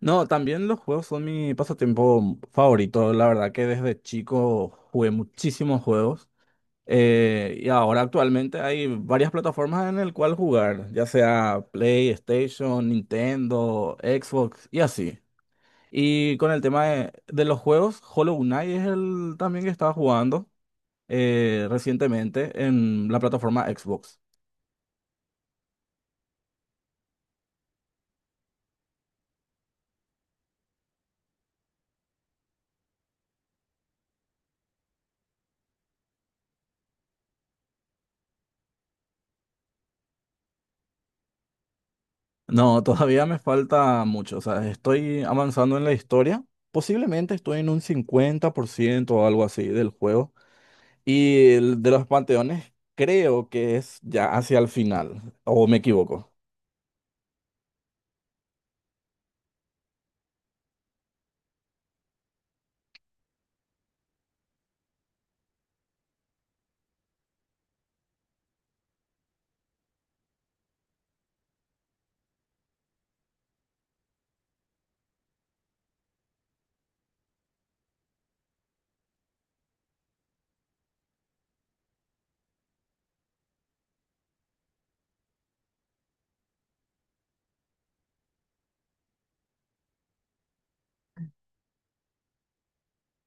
No, también los juegos son mi pasatiempo favorito. La verdad que desde chico jugué muchísimos juegos. Y ahora actualmente hay varias plataformas en el cual jugar, ya sea PlayStation, Nintendo, Xbox y así. Y con el tema de los juegos, Hollow Knight es el también que estaba jugando recientemente en la plataforma Xbox. No, todavía me falta mucho. O sea, estoy avanzando en la historia. Posiblemente estoy en un 50% o algo así del juego. Y el de los panteones creo que es ya hacia el final. ¿O me equivoco?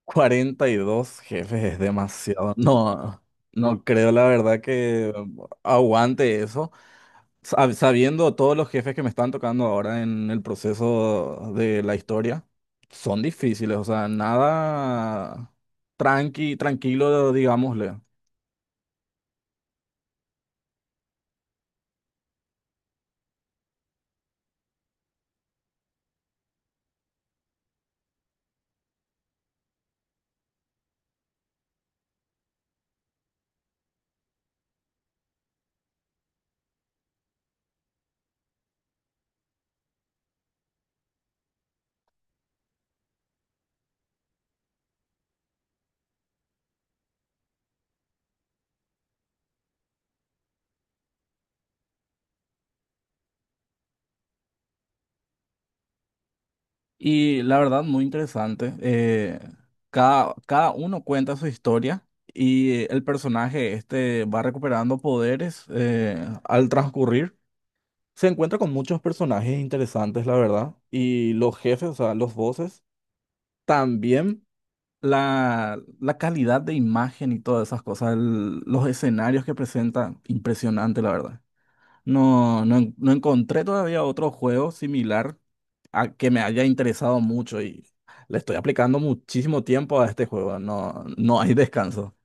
42 jefes es demasiado. No, no creo la verdad que aguante eso. Sabiendo todos los jefes que me están tocando ahora en el proceso de la historia, son difíciles, o sea, nada tranquilo, digámosle. Y la verdad, muy interesante. Cada uno cuenta su historia y el personaje este va recuperando poderes al transcurrir. Se encuentra con muchos personajes interesantes, la verdad. Y los jefes, o sea, los voces también. La calidad de imagen y todas esas cosas, los escenarios que presenta, impresionante, la verdad. No encontré todavía otro juego similar a que me haya interesado mucho y le estoy aplicando muchísimo tiempo a este juego, no, no hay descanso.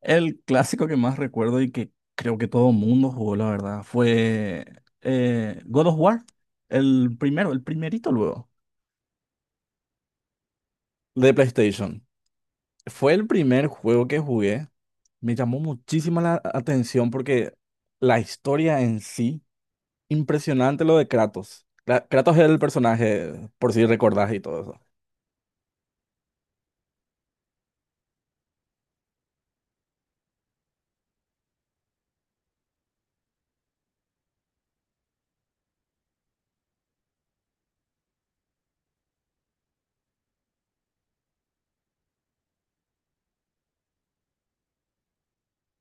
El clásico que más recuerdo y que creo que todo mundo jugó, la verdad, fue God of War, el primero, el primerito luego, de PlayStation. Fue el primer juego que jugué. Me llamó muchísima la atención porque la historia en sí, impresionante lo de Kratos. Kratos es el personaje, por si recordás y todo eso.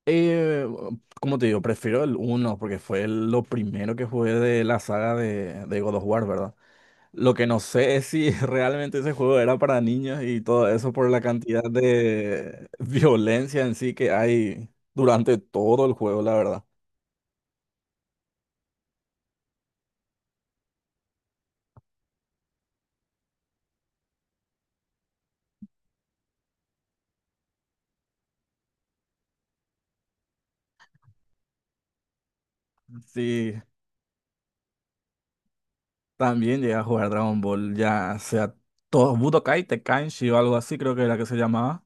Eh, Como te digo, prefiero el uno porque fue lo primero que jugué de la saga de God of War, ¿verdad? Lo que no sé es si realmente ese juego era para niños y todo eso por la cantidad de violencia en sí que hay durante todo el juego, la verdad. Sí, también llegué a jugar Dragon Ball, ya sea todo Budokai, Tenkaichi o algo así, creo que era que se llamaba.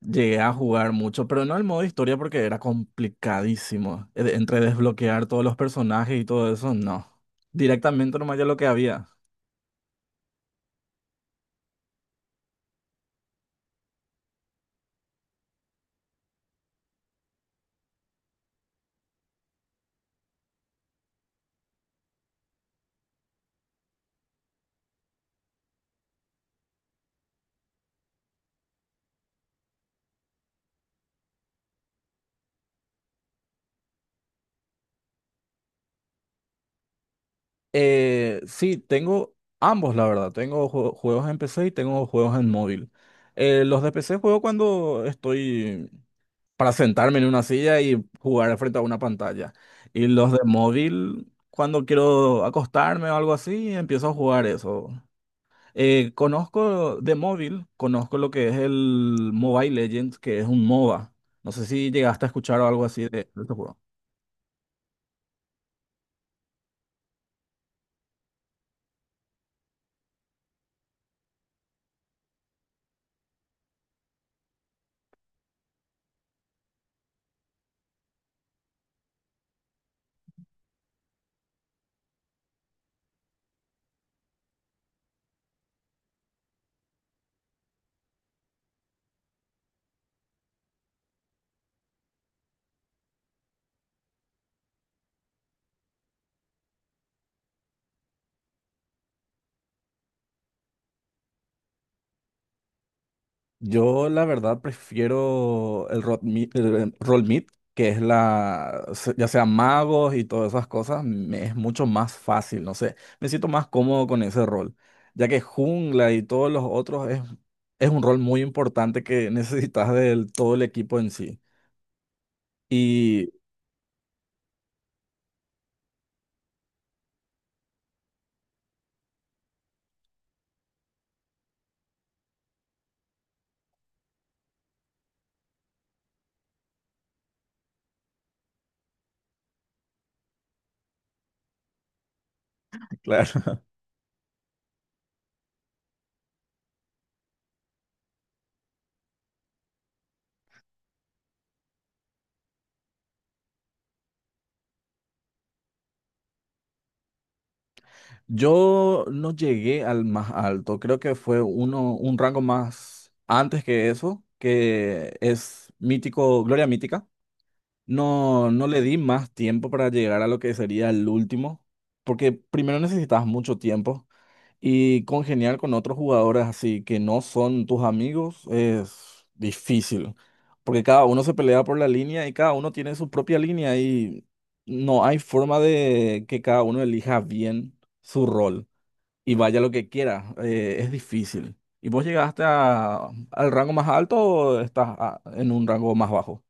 Llegué a jugar mucho, pero no el modo historia porque era complicadísimo. Entre desbloquear todos los personajes y todo eso, no. Directamente nomás ya lo que había. Sí, tengo ambos, la verdad. Tengo juegos en PC y tengo juegos en móvil. Los de PC juego cuando estoy para sentarme en una silla y jugar frente a una pantalla. Y los de móvil, cuando quiero acostarme o algo así, empiezo a jugar eso. Conozco de móvil, conozco lo que es el Mobile Legends, que es un MOBA. No sé si llegaste a escuchar o algo así de este juego. Yo la verdad prefiero el roll meat, que es ya sea magos y todas esas cosas, me es mucho más fácil, no sé, me siento más cómodo con ese rol, ya que jungla y todos los otros es un rol muy importante que necesitas del todo el equipo en sí. Y claro, yo no llegué al más alto, creo que fue uno, un rango más antes que eso, que es mítico, Gloria Mítica. No, no le di más tiempo para llegar a lo que sería el último, porque primero necesitas mucho tiempo y congeniar con otros jugadores así que no son tus amigos es difícil, porque cada uno se pelea por la línea y cada uno tiene su propia línea y no hay forma de que cada uno elija bien su rol y vaya lo que quiera, es difícil. ¿Y vos llegaste al rango más alto o estás en un rango más bajo?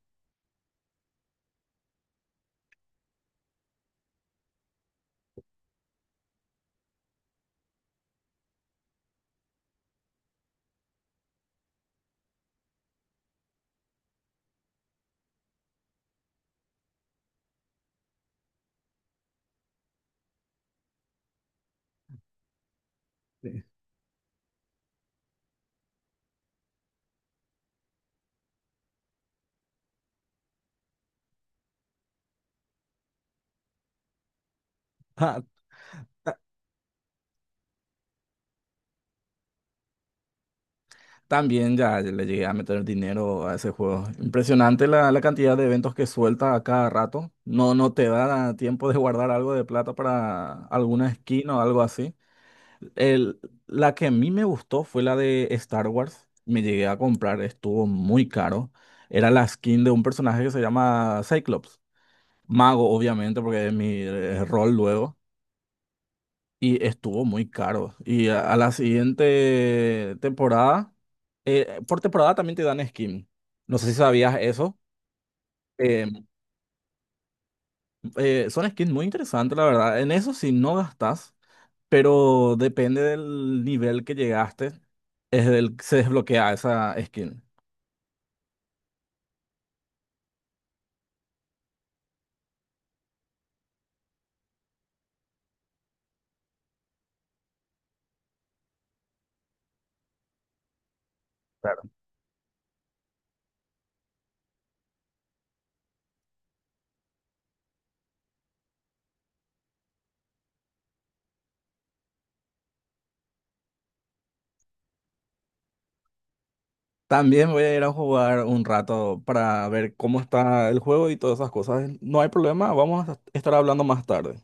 También ya le llegué a meter dinero a ese juego. Impresionante la cantidad de eventos que suelta a cada rato. No, no te da tiempo de guardar algo de plata para alguna skin o algo así. El, la que a mí me gustó fue la de Star Wars. Me llegué a comprar, estuvo muy caro. Era la skin de un personaje que se llama Cyclops. Mago, obviamente, porque es mi rol luego. Y estuvo muy caro. Y a la siguiente temporada, por temporada también te dan skin. No sé si sabías eso. Eh, Son skins muy interesantes, la verdad. En eso sí no gastas, pero depende del nivel que llegaste, es del que se desbloquea esa skin. Claro. También voy a ir a jugar un rato para ver cómo está el juego y todas esas cosas. No hay problema, vamos a estar hablando más tarde.